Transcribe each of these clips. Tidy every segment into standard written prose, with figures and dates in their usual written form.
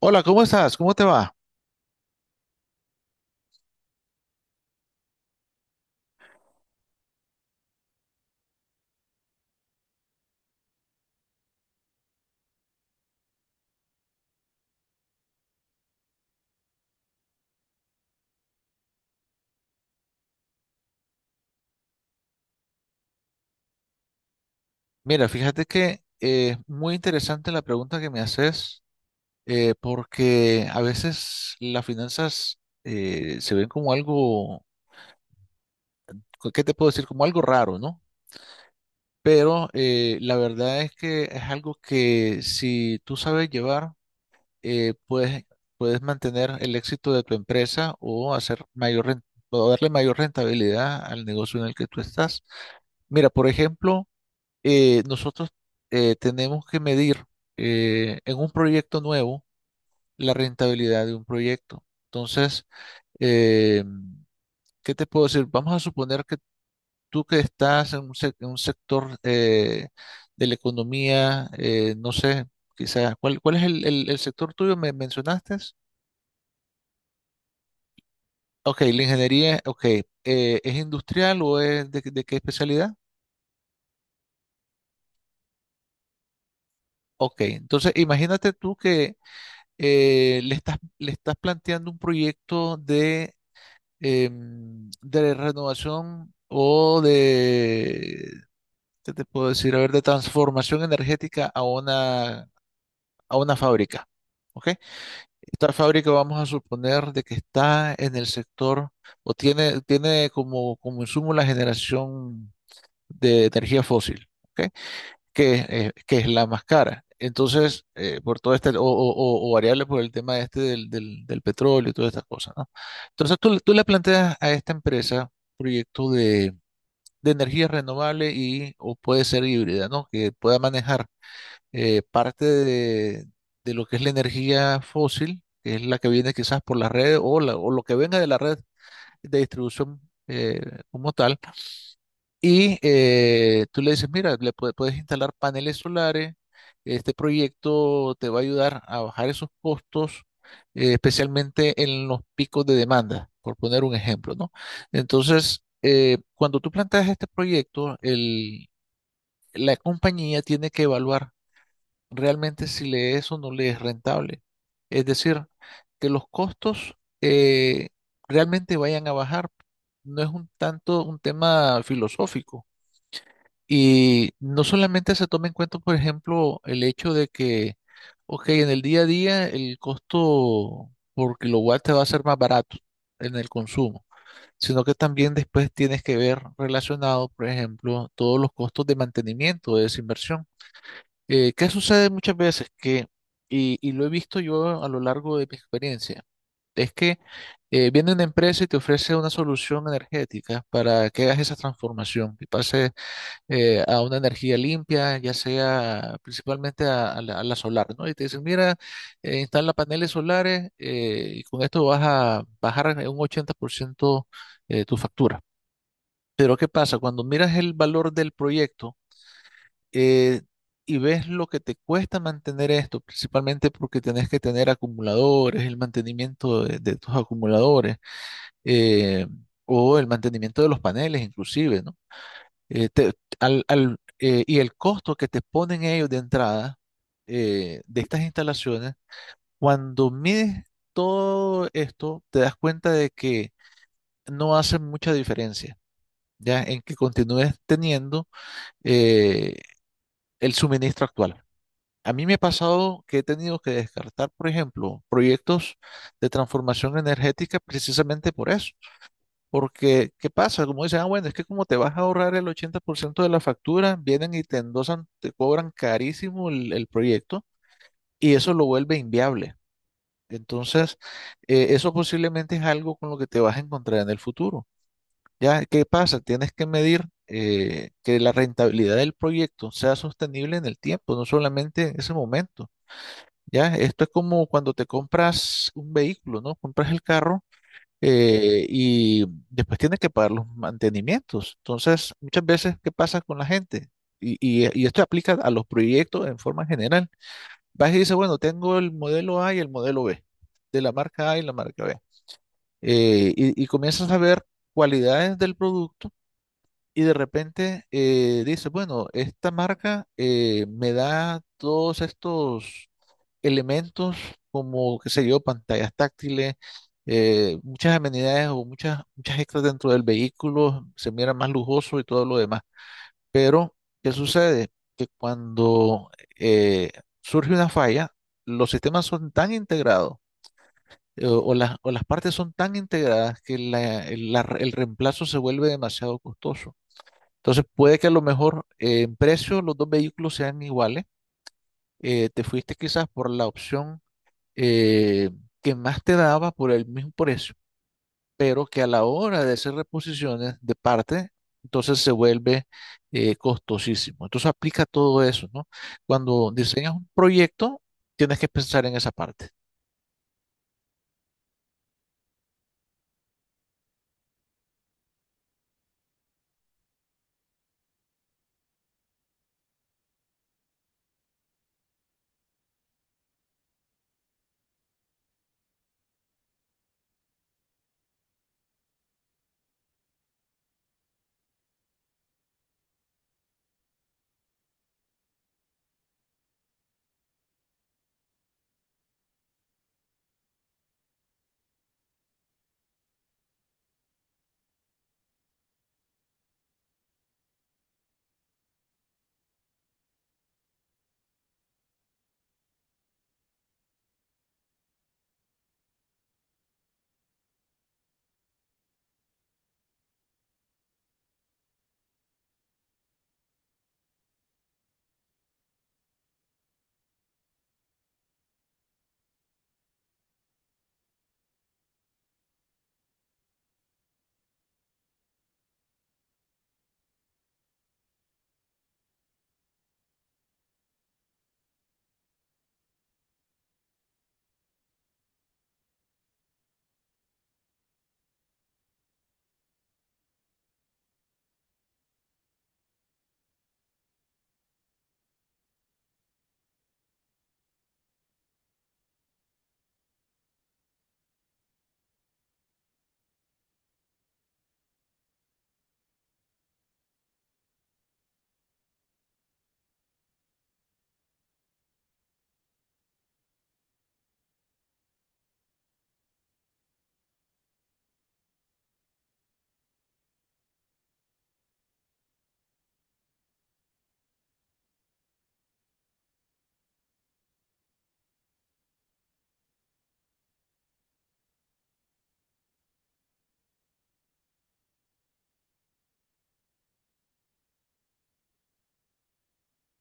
Hola, ¿cómo estás? ¿Cómo te va? Mira, fíjate que es muy interesante la pregunta que me haces, porque a veces las finanzas se ven como algo, ¿qué te puedo decir? Como algo raro, ¿no? Pero la verdad es que es algo que si tú sabes llevar, eh, puedes, puedes mantener el éxito de tu empresa o hacer mayor o darle mayor rentabilidad al negocio en el que tú estás. Mira, por ejemplo, nosotros tenemos que medir en un proyecto nuevo la rentabilidad de un proyecto. Entonces, eh, ¿qué te puedo decir? Vamos a suponer que tú que estás en en un sector de la economía, no sé, quizás, cuál es el sector tuyo? ¿Me mencionaste? Ok, la ingeniería, ok, ¿es industrial o es de qué especialidad? Ok, entonces imagínate tú que le estás planteando un proyecto de, de renovación o de, ¿qué te puedo decir? A ver, de transformación energética a una fábrica. ¿Ok? Esta fábrica vamos a suponer de que está en el sector o tiene como, como insumo la generación de energía fósil. ¿Ok? Que, que es la más cara. Entonces, por todo este, o variable por el tema este del petróleo y todas estas cosas, ¿no? Entonces, tú le planteas a esta empresa proyecto de energía renovable y, o puede ser híbrida, ¿no? Que pueda manejar parte de lo que es la energía fósil, que es la que viene quizás por la red o, o lo que venga de la red de distribución eh, como tal y tú le dices, mira, puedes instalar paneles solares, este proyecto te va a ayudar a bajar esos costos, especialmente en los picos de demanda, por poner un ejemplo, ¿no? Entonces, cuando tú planteas este proyecto, la compañía tiene que evaluar realmente si le es o no le es rentable. Es decir, que los costos eh, realmente vayan a bajar. No es un tanto un tema filosófico y no solamente se toma en cuenta, por ejemplo, el hecho de que, ok, en el día a día el costo por kilowatt te va a ser más barato en el consumo, sino que también después tienes que ver relacionado, por ejemplo, todos los costos de mantenimiento de esa inversión. ¿Qué sucede muchas veces? Que, y lo he visto yo a lo largo de mi experiencia, es que viene una empresa y te ofrece una solución energética para que hagas esa transformación y pases a una energía limpia, ya sea principalmente a, a la solar, ¿no? Y te dicen, mira, instala paneles solares y con esto vas a bajar en un 80% tu factura. Pero ¿qué pasa? Cuando miras el valor del proyecto eh, y ves lo que te cuesta mantener esto, principalmente porque tenés que tener acumuladores, el mantenimiento de tus acumuladores eh, o el mantenimiento de los paneles inclusive, ¿no? eh, te- y el costo que te ponen ellos de entrada de estas instalaciones, cuando mides todo esto, te das cuenta de que no hace mucha diferencia, ya en que continúes teniendo eh, el suministro actual. A mí me ha pasado que he tenido que descartar, por ejemplo, proyectos de transformación energética precisamente por eso. Porque, ¿qué pasa? Como dicen, ah, bueno, es que como te vas a ahorrar el 80% de la factura, vienen y te endosan, te cobran carísimo el proyecto y eso lo vuelve inviable. Entonces, eso posiblemente es algo con lo que te vas a encontrar en el futuro. ¿Ya? ¿Qué pasa? Tienes que medir que la rentabilidad del proyecto sea sostenible en el tiempo, no solamente en ese momento. ¿Ya? Esto es como cuando te compras un vehículo, ¿no? Compras el carro y después tiene que pagar los mantenimientos. Entonces, muchas veces, ¿qué pasa con la gente? Y esto aplica a los proyectos en forma general. Vas y dices, bueno, tengo el modelo A y el modelo B, de la marca A y la marca B. Y comienzas a ver cualidades del producto y de repente dices, bueno, esta marca me da todos estos elementos como, qué sé yo, pantallas táctiles, muchas amenidades o muchas extras dentro del vehículo, se mira más lujoso y todo lo demás. Pero, ¿qué sucede? Que cuando eh, surge una falla, los sistemas son tan integrados o las partes son tan integradas que el reemplazo se vuelve demasiado costoso. Entonces puede que a lo mejor en precio los dos vehículos sean iguales. Te fuiste quizás por la opción eh, que más te daba por el mismo precio, pero que a la hora de hacer reposiciones de parte, entonces se vuelve costosísimo. Entonces aplica todo eso, ¿no? Cuando diseñas un proyecto, tienes que pensar en esa parte.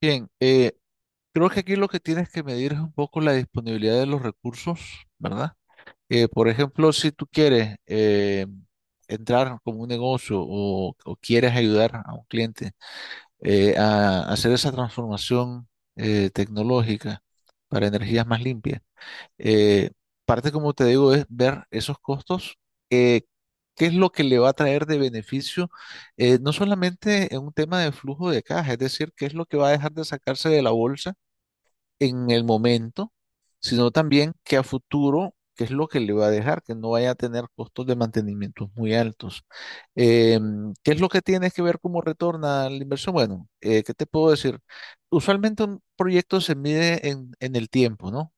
Bien, creo que aquí lo que tienes que medir es un poco la disponibilidad de los recursos, ¿verdad? Por ejemplo, si tú quieres entrar como un negocio o quieres ayudar a un cliente a hacer esa transformación tecnológica para energías más limpias. Eh, parte, como te digo, es ver esos costos, eh, qué es lo que le va a traer de beneficio, no solamente en un tema de flujo de caja, es decir, qué es lo que va a dejar de sacarse de la bolsa en el momento, sino también que a futuro, qué es lo que le va a dejar, que no vaya a tener costos de mantenimiento muy altos. Eh, ¿Qué es lo que tienes que ver cómo retorna la inversión? Bueno, ¿qué te puedo decir? Usualmente un proyecto se mide en el tiempo, ¿no?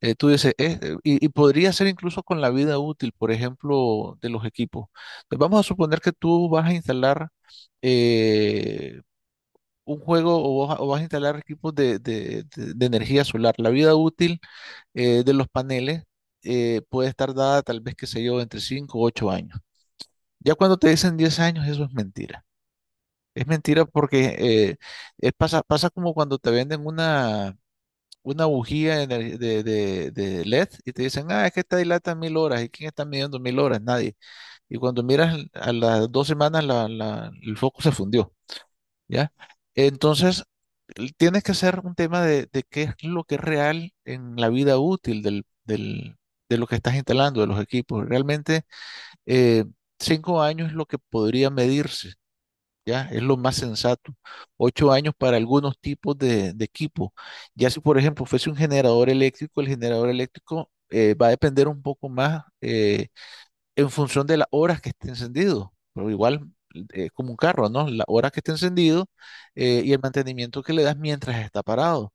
Tú dices, y podría ser incluso con la vida útil, por ejemplo, de los equipos. Entonces, vamos a suponer que tú vas a instalar eh, un juego o vas a instalar equipos de energía solar. La vida útil de los paneles puede estar dada tal vez, qué sé yo, entre 5 o 8 años. Ya cuando te dicen 10 años, eso es mentira. Es mentira porque es pasa, pasa como cuando te venden una bujía de, ener- de LED y te dicen, ah, es que esta dilata 1000 horas. ¿Y quién está midiendo 1000 horas? Nadie. Y cuando miras a las dos semanas, el foco se fundió. ¿Ya? Entonces, tienes que hacer un tema de qué es lo que es real en la vida útil de lo que estás instalando, de los equipos. Realmente, eh, 5 años es lo que podría medirse, ¿ya? Es lo más sensato. 8 años para algunos tipos de equipo. Ya si, por ejemplo, fuese un generador eléctrico, el generador eléctrico va a depender un poco más. En función de las horas que esté encendido. Pero igual es como un carro, ¿no? Las horas que esté encendido y el mantenimiento que le das mientras está parado.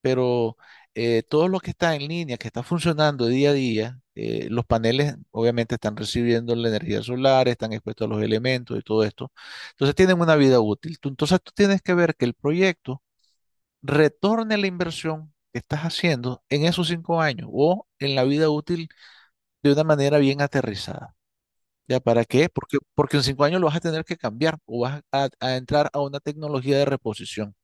Pero todo lo que está en línea, que está funcionando día a día, los paneles obviamente están recibiendo la energía solar, están expuestos a los elementos y todo esto. Entonces tienen una vida útil. Entonces tú tienes que ver que el proyecto retorne la inversión que estás haciendo en esos 5 años o en la vida útil de una manera bien aterrizada. ¿Ya para qué? Porque, porque en 5 años lo vas a tener que cambiar o vas a entrar a una tecnología de reposición.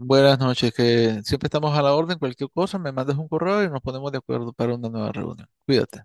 Buenas noches, que siempre estamos a la orden. Cualquier cosa, me mandas un correo y nos ponemos de acuerdo para una nueva reunión. Cuídate.